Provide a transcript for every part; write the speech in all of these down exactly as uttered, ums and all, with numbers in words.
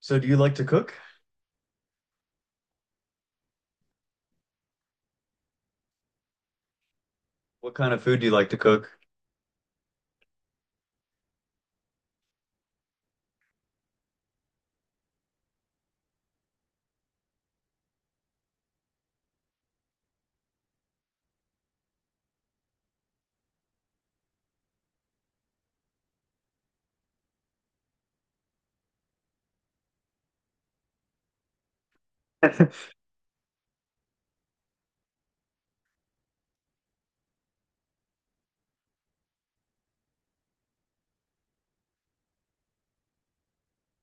So do you like to cook? What kind of food do you like to cook?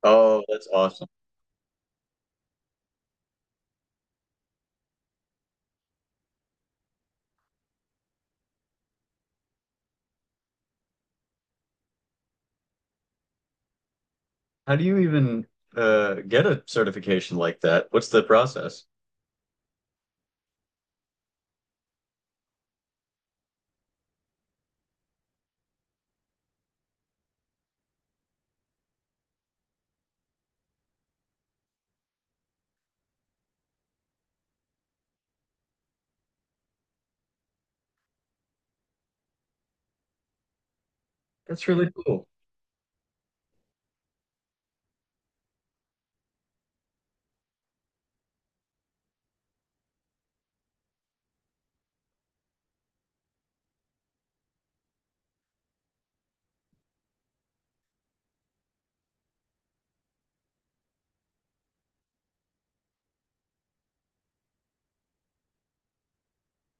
Oh, that's awesome. How do you even uh, get a certification like that? What's the process? That's really cool.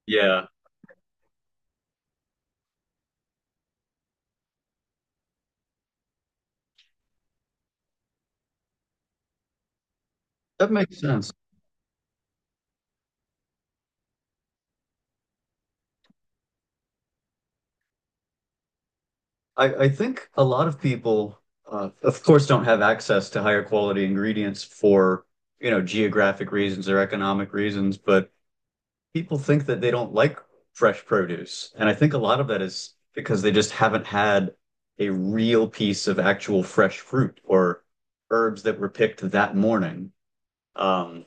Yeah, that makes sense. I, I think a lot of people, uh, of course, don't have access to higher quality ingredients for, you know, geographic reasons or economic reasons, but people think that they don't like fresh produce. And I think a lot of that is because they just haven't had a real piece of actual fresh fruit or herbs that were picked that morning. Um,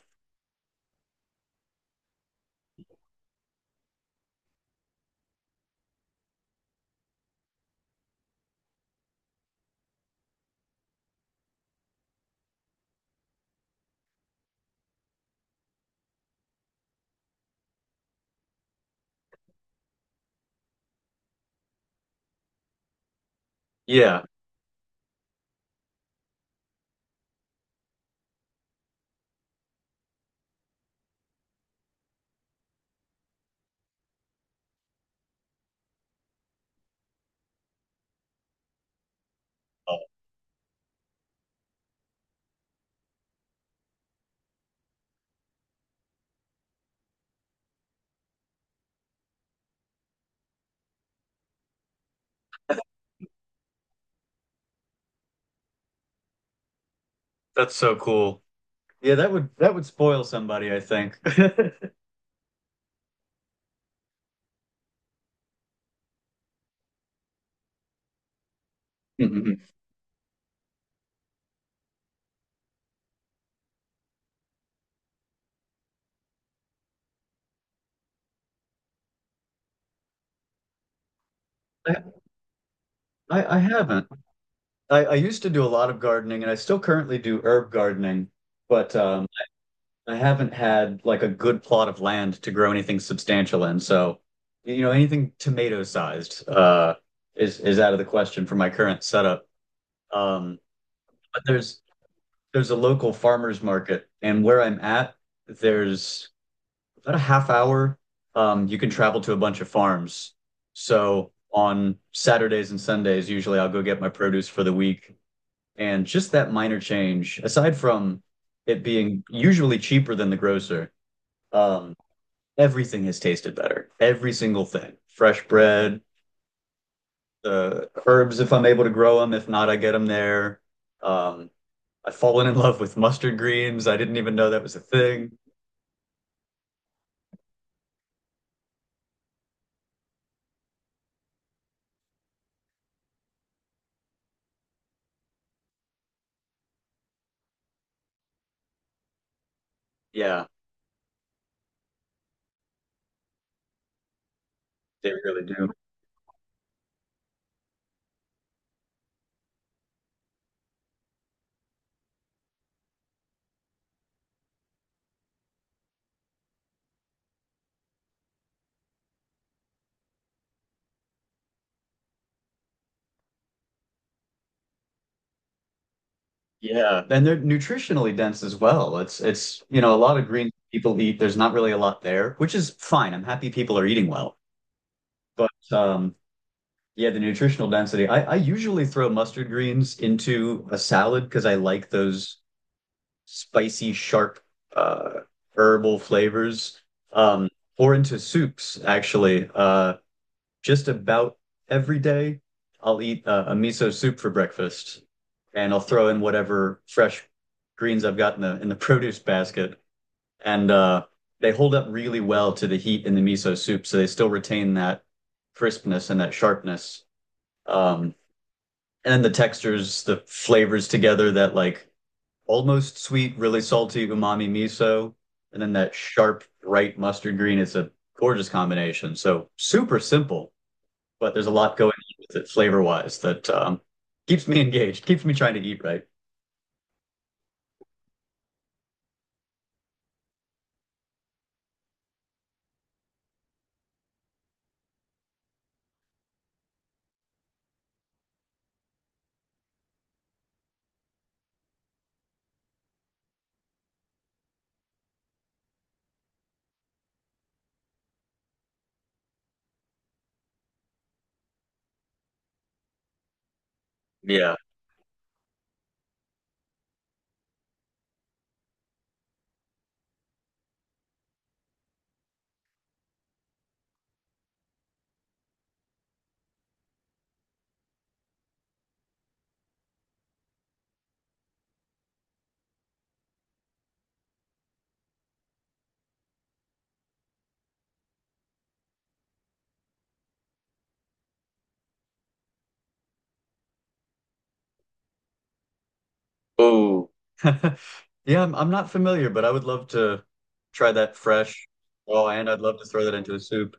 yeah. Oh, that's so cool. Yeah, that would that would spoil somebody, I think. Mhm. I, I I haven't. I, I used to do a lot of gardening and I still currently do herb gardening, but um I haven't had like a good plot of land to grow anything substantial in, so you know, anything tomato sized uh is is out of the question for my current setup. Um, but there's there's a local farmers market, and where I'm at, there's about a half hour. Um, you can travel to a bunch of farms. So on Saturdays and Sundays, usually I'll go get my produce for the week. And just that minor change, aside from it being usually cheaper than the grocer, um, everything has tasted better. Every single thing. Fresh bread, the uh, herbs if I'm able to grow them. If not, I get them there. Um, I've fallen in love with mustard greens. I didn't even know that was a thing. Yeah, they really do. Yeah, and they're nutritionally dense as well. It's it's you know a lot of greens people eat. There's not really a lot there, which is fine. I'm happy people are eating well, but um, yeah, the nutritional density. I, I usually throw mustard greens into a salad because I like those spicy, sharp, uh, herbal flavors, um, or into soups, actually. Uh, just about every day, I'll eat uh, a miso soup for breakfast, and I'll throw in whatever fresh greens I've got in the in the produce basket, and uh, they hold up really well to the heat in the miso soup, so they still retain that crispness and that sharpness. Um, and then the textures, the flavors together that like almost sweet, really salty umami miso, and then that sharp bright mustard green. It's a gorgeous combination. So super simple, but there's a lot going on with it flavor wise that um, keeps me engaged, keeps me trying to eat right. Yeah. Oh. Yeah, I'm, I'm not familiar, but I would love to try that fresh. Oh, and I'd love to throw that into a soup.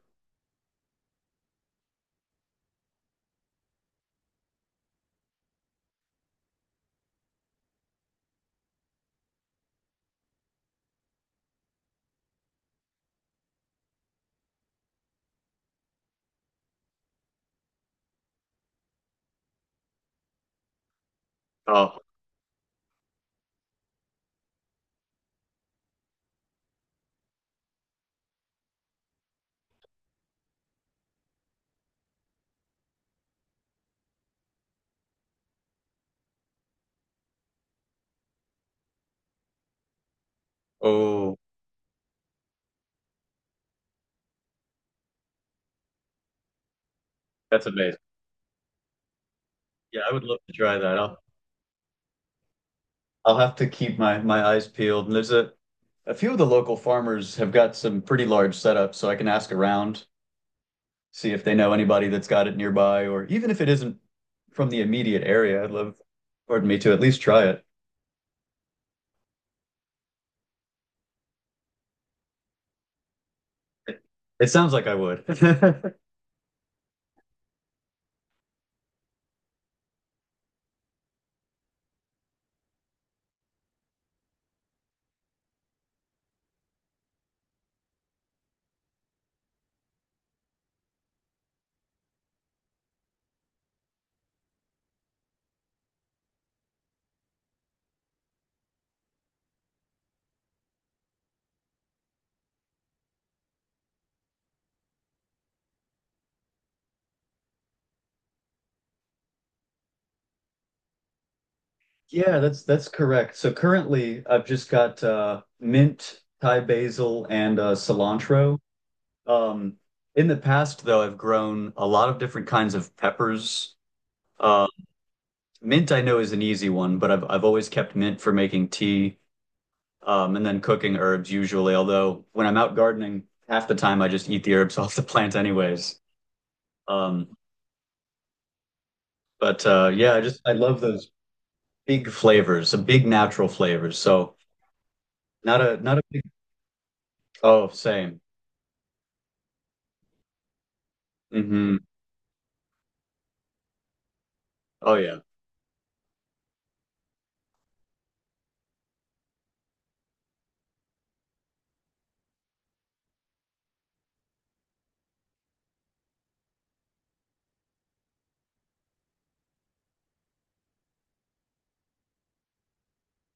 Oh. Oh. That's amazing. Yeah, I would love to try that. I'll I'll have to keep my my eyes peeled. And there's a a few of the local farmers have got some pretty large setups, so I can ask around, see if they know anybody that's got it nearby, or even if it isn't from the immediate area, I'd love, pardon me, to at least try it. It it sounds like I would. Yeah, that's that's correct. So currently, I've just got uh, mint, Thai basil, and uh, cilantro. Um, in the past, though, I've grown a lot of different kinds of peppers. Um, Mint I know is an easy one, but I've I've always kept mint for making tea, um, and then cooking herbs usually. Although when I'm out gardening, half the time I just eat the herbs off the plant anyways. Um, but uh, yeah, I just I love those big flavors, the big natural flavors. So not a not a big oh same. Hmm. Oh yeah.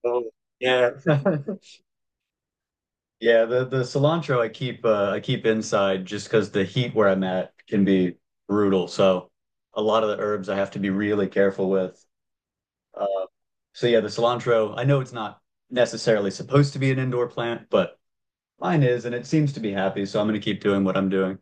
Oh yeah. Yeah, the the cilantro I keep uh, I keep inside just because the heat where I'm at can be brutal. So a lot of the herbs I have to be really careful with. uh, So yeah, the cilantro, I know it's not necessarily supposed to be an indoor plant, but mine is, and it seems to be happy, so I'm gonna keep doing what I'm doing.